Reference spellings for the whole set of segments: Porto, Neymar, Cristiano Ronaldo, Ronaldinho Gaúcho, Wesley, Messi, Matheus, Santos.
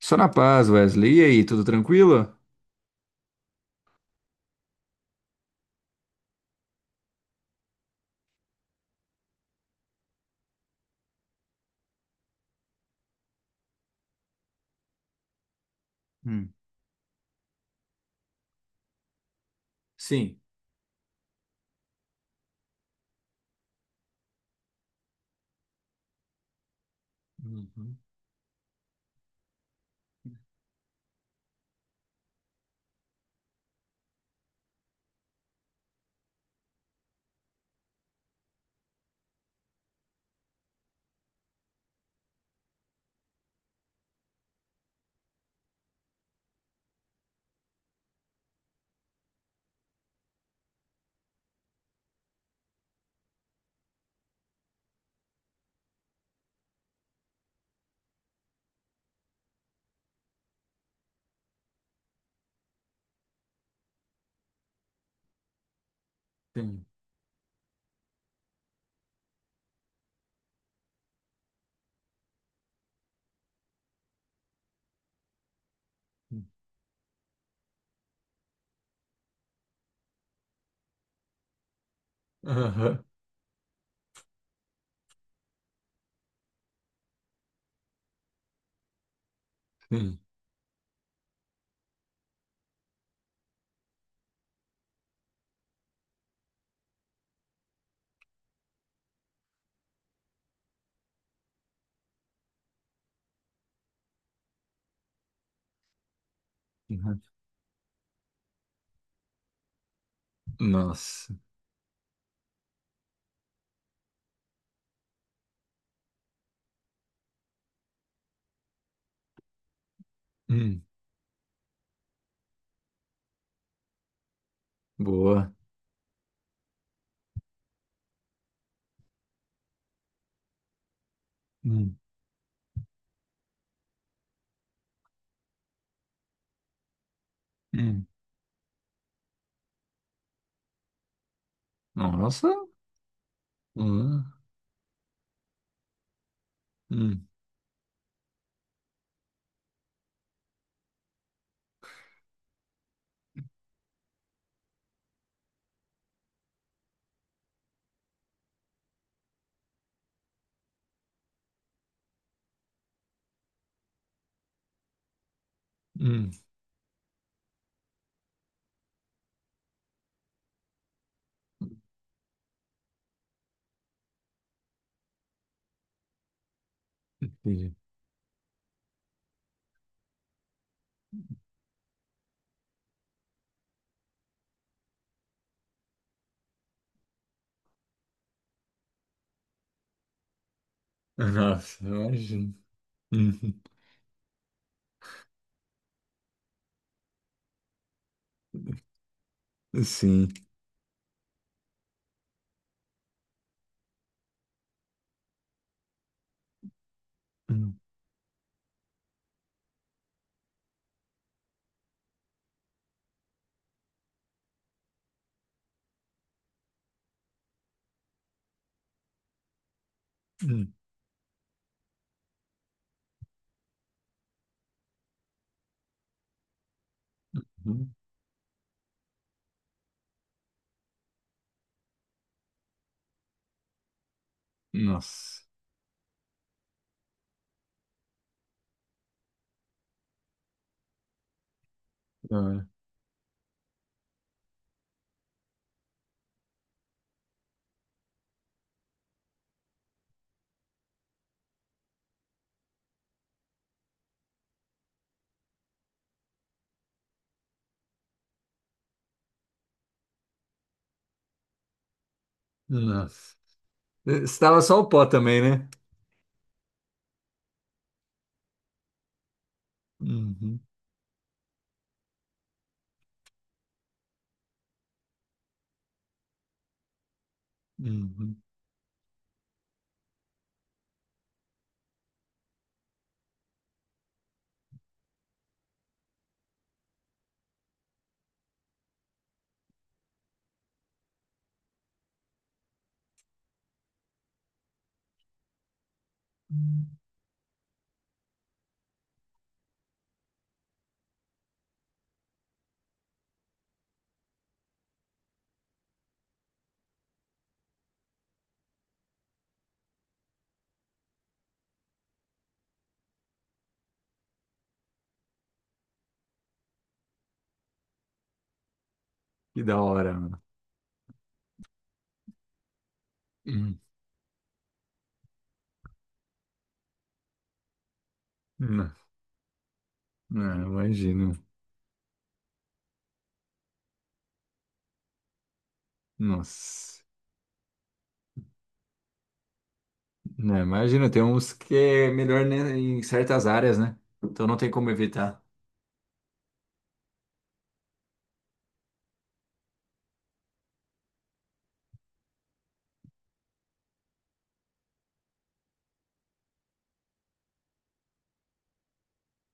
Só na paz, Wesley. E aí, tudo tranquilo? Hum, sim. Uhum, sim. Aham, sim. Uhum. Nossa. Hum, Boa. Hum, hum. Nossa, hum, hum, hum. Entendi. Nossa, imagino. Uhum. Sim. Hum, hum, uhum. Nossa. Da hora. Nossa. Eh, estava só o pó também, né? Uhum, uhum. Que da hora, mano. Hum. Não, não, imagino. Nossa, né, imagina, tem uns que é melhor, né, em certas áreas, né? Então não tem como evitar.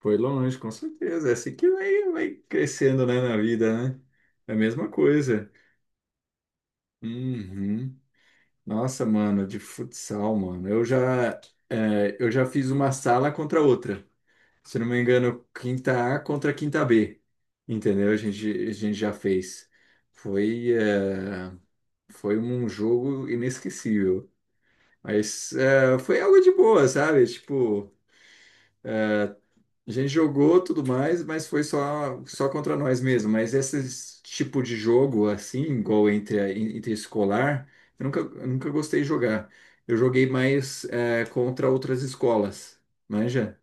Foi longe, com certeza. É assim que vai crescendo, né, na vida, né? É a mesma coisa. Uhum. Nossa, mano, de futsal, mano. Eu já fiz uma sala contra outra. Se não me engano, quinta A contra quinta B. Entendeu? A gente já fez. Foi, é, foi um jogo inesquecível. Foi algo de boa, sabe? Tipo, a gente jogou tudo mais, mas foi só contra nós mesmo. Mas esse tipo de jogo, assim, igual entre escolar, eu nunca gostei de jogar. Eu joguei mais é, contra outras escolas, manja?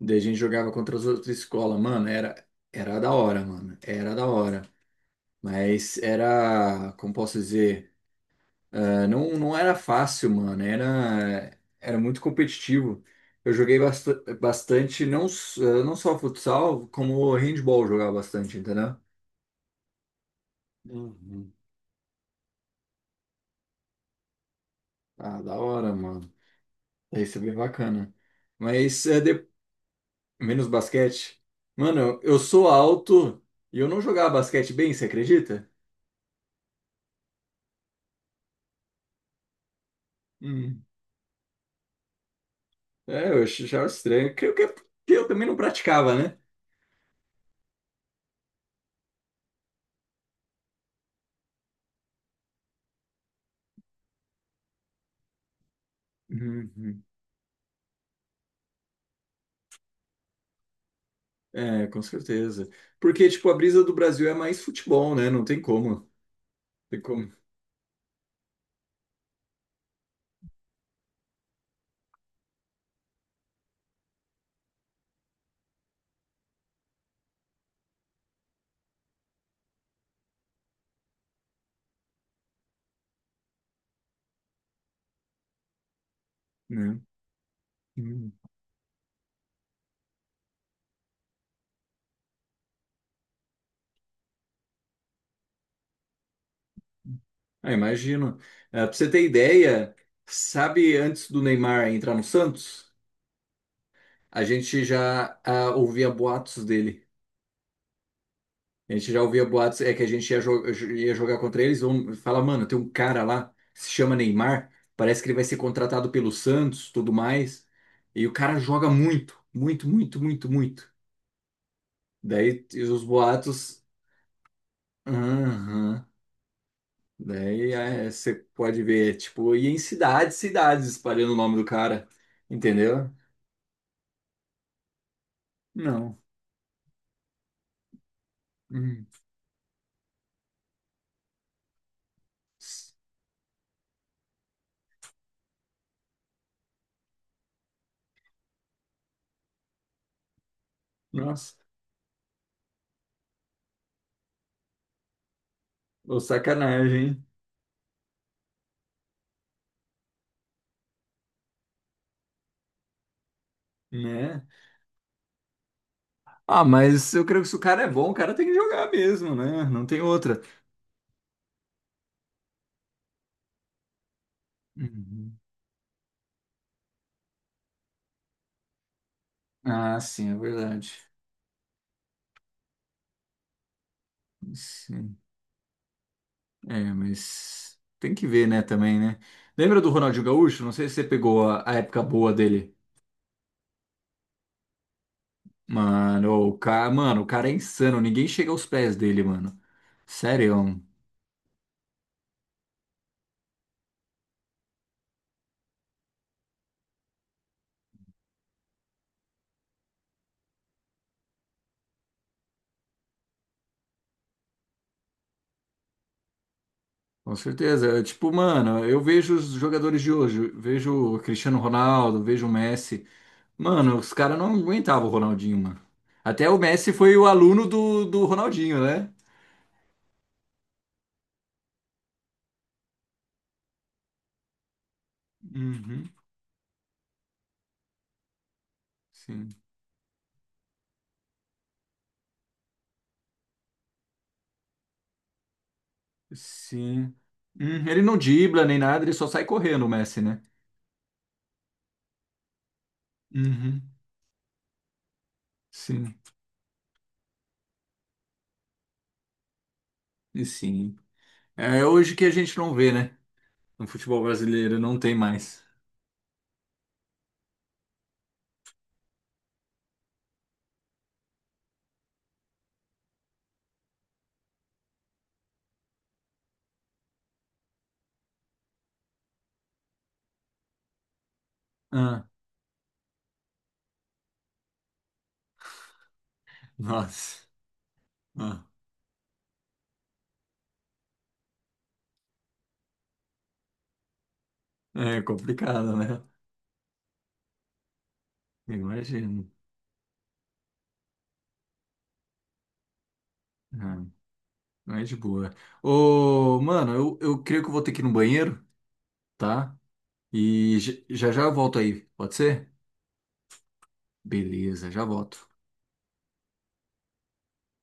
Daí a gente jogava contra as outras escolas. Mano, era da hora, mano. Era da hora. Mas era, como posso dizer? Ah, não, não era fácil, mano. Era muito competitivo. Eu joguei bastante, não só futsal, como handball eu jogava bastante, entendeu? Uhum. Ah, da hora, mano. Isso é bem bacana. Mas é de- menos basquete. Mano, eu sou alto e eu não jogava basquete bem, você acredita? Hum. É, eu achava estranho. Creio que é porque eu também não praticava, né? Uhum. É, com certeza. Porque, tipo, a brisa do Brasil é mais futebol, né? Não tem como. Não tem como, né? Hum. Ah, imagino. É, pra você ter ideia, sabe, antes do Neymar entrar no Santos, a gente já ouvia boatos dele. A gente já ouvia boatos, é que a gente ia jogar contra eles. Vamos falar, mano, tem um cara lá, se chama Neymar, parece que ele vai ser contratado pelo Santos, tudo mais. E o cara joga muito, muito, muito, muito, muito. Daí os boatos. Aham. Daí é, você pode ver, tipo, e em cidades, cidades espalhando o nome do cara, entendeu? Não. Hum. Nossa, ô sacanagem, hein? Né? Ah, mas eu creio que se o cara é bom, o cara tem que jogar mesmo, né? Não tem outra. Uhum. Ah, sim, é verdade. Sim. É, mas tem que ver, né, também, né? Lembra do Ronaldinho Gaúcho? Não sei se você pegou a época boa dele. Mano, o cara é insano, ninguém chega aos pés dele, mano. Sério, com certeza. Tipo, mano, eu vejo os jogadores de hoje, eu vejo o Cristiano Ronaldo, vejo o Messi. Mano, os caras não aguentavam o Ronaldinho, mano. Até o Messi foi o aluno do Ronaldinho, né? Uhum, sim, sim. Ele não dribla nem nada, ele só sai correndo, o Messi, né? Uhum, sim, e sim. É hoje que a gente não vê, né? No futebol brasileiro, não tem mais. Ah. Nossa, ah, é complicado, né? Imagino. Ah, não é de boa. Ô, mano, eu creio que eu vou ter que ir no banheiro, tá? E já já eu volto aí, pode ser? Beleza, já volto.